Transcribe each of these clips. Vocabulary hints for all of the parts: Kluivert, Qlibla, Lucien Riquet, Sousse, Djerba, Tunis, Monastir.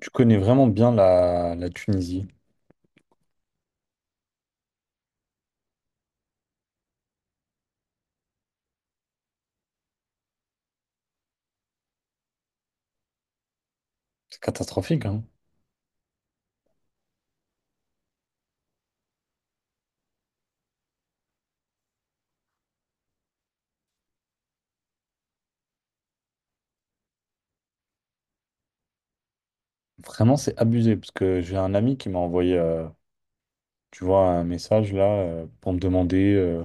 Tu connais vraiment bien la Tunisie. C'est catastrophique, hein. Vraiment, c'est abusé. Parce que j'ai un ami qui m'a envoyé, tu vois, un message là pour me demander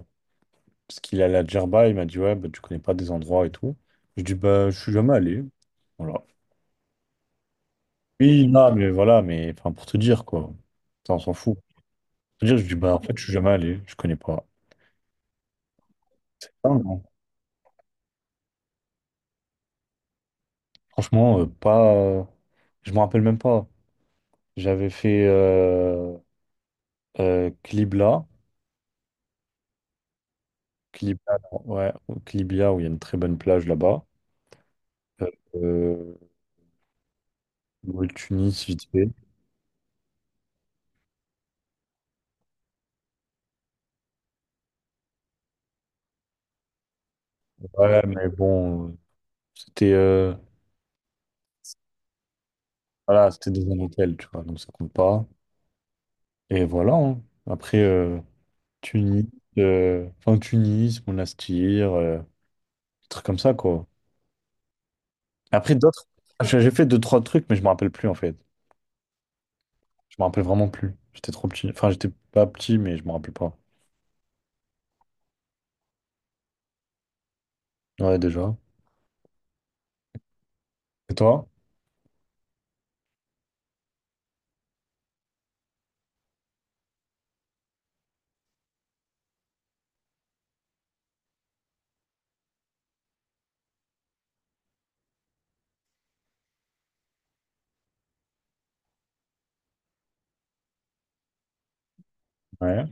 parce qu'il allait à Djerba. Il m'a dit, ouais, bah, tu connais pas des endroits et tout. Je dis, bah, je suis jamais allé. Voilà. Oui, là, mais voilà, mais enfin, pour te dire, quoi. Ça, on s'en fout. Pour te dire, je dis, bah, en fait, je suis jamais allé. Je connais pas. Ah, non. Franchement, pas. Je me rappelle même pas. J'avais fait Qlibla. Qlibla, non, ouais, au Qlibla, où il y a une très bonne plage là-bas. Euh, le Tunis, vite fait. Ouais, mais bon, c'était voilà, c'était dans un hôtel, tu vois, donc ça compte pas. Et voilà, hein. Après, Tunis, enfin Tunis, Monastir, des trucs comme ça, quoi. Après, d'autres, j'ai fait deux, trois trucs, mais je me rappelle plus, en fait. Je me rappelle vraiment plus. J'étais trop petit. Enfin, j'étais pas petit, mais je me rappelle pas. Ouais, déjà. Et toi? Ouais.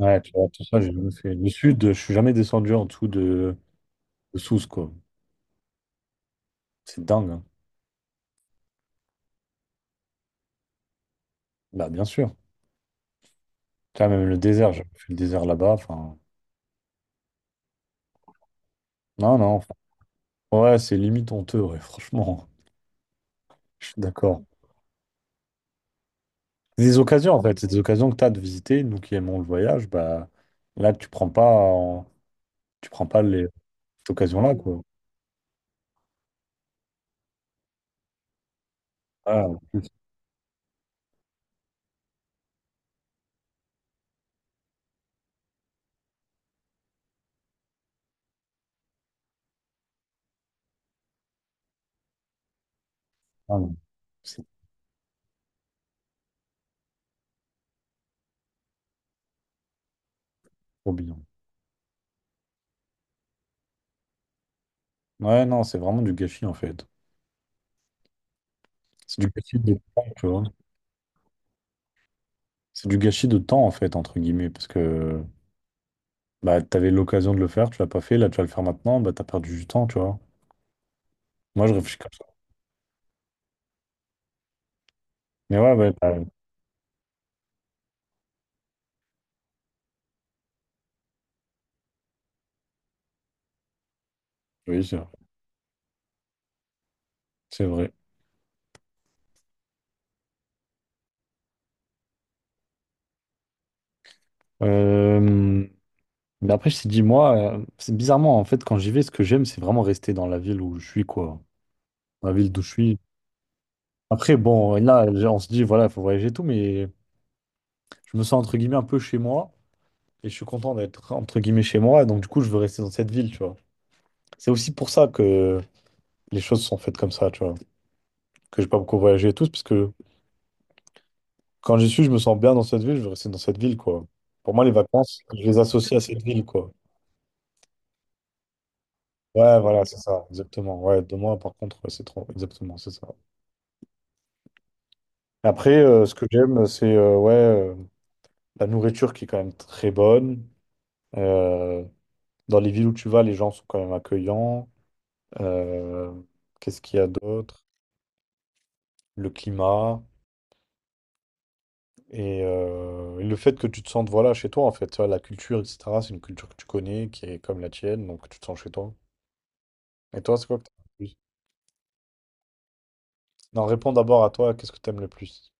Ouais, tu vois, tout ça, j'ai jamais fait. Le sud, je suis jamais descendu en dessous de Sousse, quoi. C'est dingue, hein. Bah, bien sûr. Tu vois, même le désert, j'ai fait le désert là-bas. Enfin, non, non, enfin, ouais, c'est limite honteux, ouais, franchement. Je suis d'accord. C'est des occasions, en fait. C'est des occasions que tu as de visiter. Nous qui aimons le voyage, bah, là, tu prends pas les... cette occasion-là, quoi. Ah, en plus, ah, non, c'est trop bien. Ouais, non, c'est vraiment du gâchis, en fait. C'est du gâchis de temps, tu vois. C'est du gâchis de temps, en fait, entre guillemets, parce que. Bah, t'avais l'occasion de le faire, tu l'as pas fait, là, tu vas le faire maintenant, bah, t'as perdu du temps, tu vois. Moi, je réfléchis comme ça. Mais ouais, ouais, bah, oui, c'est vrai. C'est vrai. Euh, Mais après, je t'ai dit, moi, c'est bizarrement, en fait, quand j'y vais, ce que j'aime, c'est vraiment rester dans la ville où je suis, quoi. La ville d'où je suis. Après, bon, là, on se dit, voilà, il faut voyager et tout, mais je me sens, entre guillemets, un peu chez moi, et je suis content d'être, entre guillemets, chez moi, donc du coup, je veux rester dans cette ville, tu vois. C'est aussi pour ça que les choses sont faites comme ça, tu vois. Que j'ai pas beaucoup voyagé et tout, c'est parce que quand j'y suis, je me sens bien dans cette ville, je veux rester dans cette ville, quoi. Pour moi, les vacances, je les associe à cette ville, quoi. Ouais, voilà, c'est ça, exactement. Ouais, deux mois, par contre, ouais, c'est trop. Exactement, c'est ça. Après, ce que j'aime, c'est la nourriture qui est quand même très bonne. Euh, Dans les villes où tu vas, les gens sont quand même accueillants. Euh, Qu'est-ce qu'il y a d'autre? Le climat et le fait que tu te sentes voilà, chez toi, en fait. Tu vois, la culture, etc., c'est une culture que tu connais, qui est comme la tienne, donc tu te sens chez toi. Et toi, c'est quoi que t'as? Non, réponds d'abord à toi, qu'est-ce que t'aimes le plus?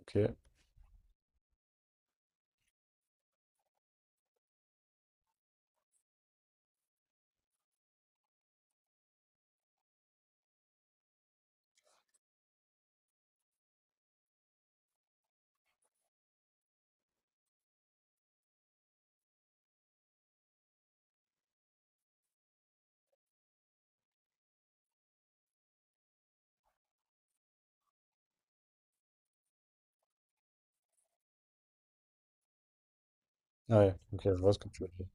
Ok. Ouais, ok, je vois ce que tu veux dire.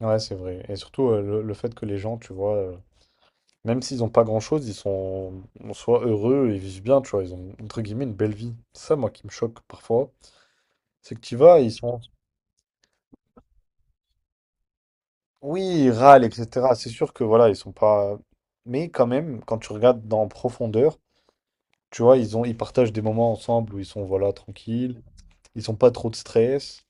Ouais, c'est vrai. Et surtout, le fait que les gens, tu vois, même s'ils n'ont pas grand-chose, ils sont en soi heureux, ils vivent bien, tu vois, ils ont, entre guillemets, une belle vie. C'est ça, moi, qui me choque parfois. C'est que tu y vas, ils sont... Oui, ils râlent, etc. C'est sûr que, voilà, ils sont pas... Mais quand même, quand tu regardes dans profondeur, tu vois, ils ont, ils partagent des moments ensemble où ils sont, voilà, tranquilles, ils ont pas trop de stress.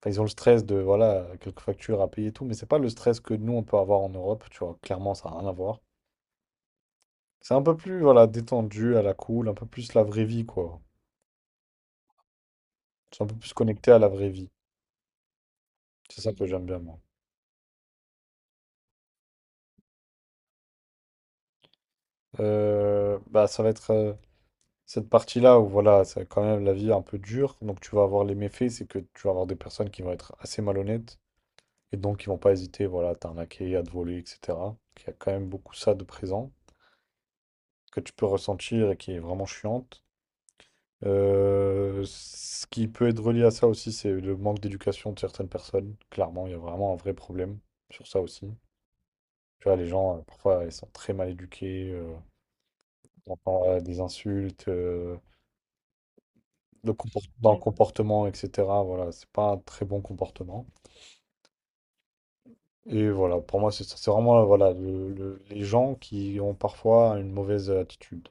Enfin, ils ont le stress de, voilà, quelques factures à payer et tout, mais c'est pas le stress que nous, on peut avoir en Europe, tu vois. Clairement, ça n'a rien à voir. C'est un peu plus, voilà, détendu, à la cool, un peu plus la vraie vie, quoi. C'est un peu plus connecté à la vraie vie. C'est ça que j'aime bien, moi. Ça va être cette partie-là où, voilà, c'est quand même la vie un peu dure. Donc, tu vas avoir les méfaits, c'est que tu vas avoir des personnes qui vont être assez malhonnêtes et donc qui vont pas hésiter, voilà, à t'arnaquer, à te voler, etc. Il y a quand même beaucoup ça de présent que tu peux ressentir et qui est vraiment chiante. Ce qui peut être relié à ça aussi, c'est le manque d'éducation de certaines personnes. Clairement, il y a vraiment un vrai problème sur ça aussi. Tu vois, les gens, parfois, ils sont très mal éduqués, on entend, des insultes, dans le comportement, etc. Voilà, c'est pas un très bon comportement. Et voilà, pour moi, c'est ça. C'est vraiment, voilà, les gens qui ont parfois une mauvaise attitude.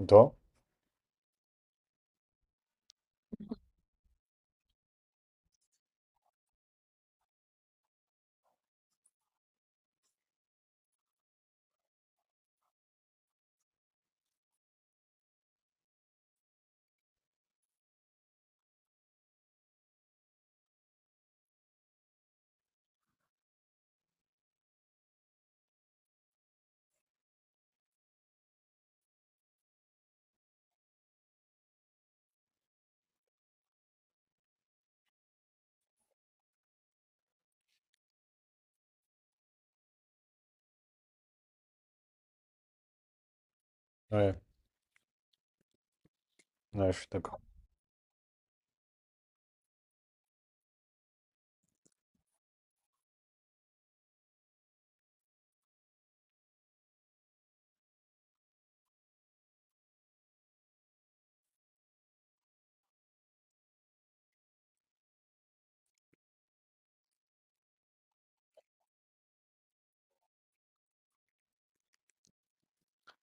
Et toi? Ouais, ouais, je suis d'accord.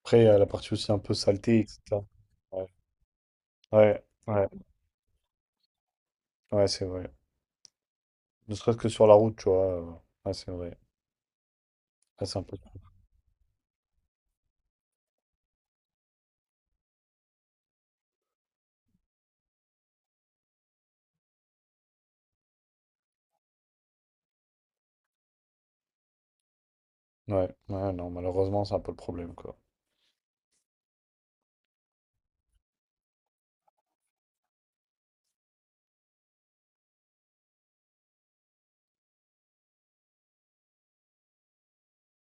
Après, il y a la partie aussi un peu saleté, etc. Ouais, ouais, ouais, ouais, c'est vrai. Ne serait-ce que sur la route, tu vois. Ouais, c'est vrai. Ouais, c'est un peu. Ouais, ouais, non, malheureusement, c'est un peu le problème, quoi.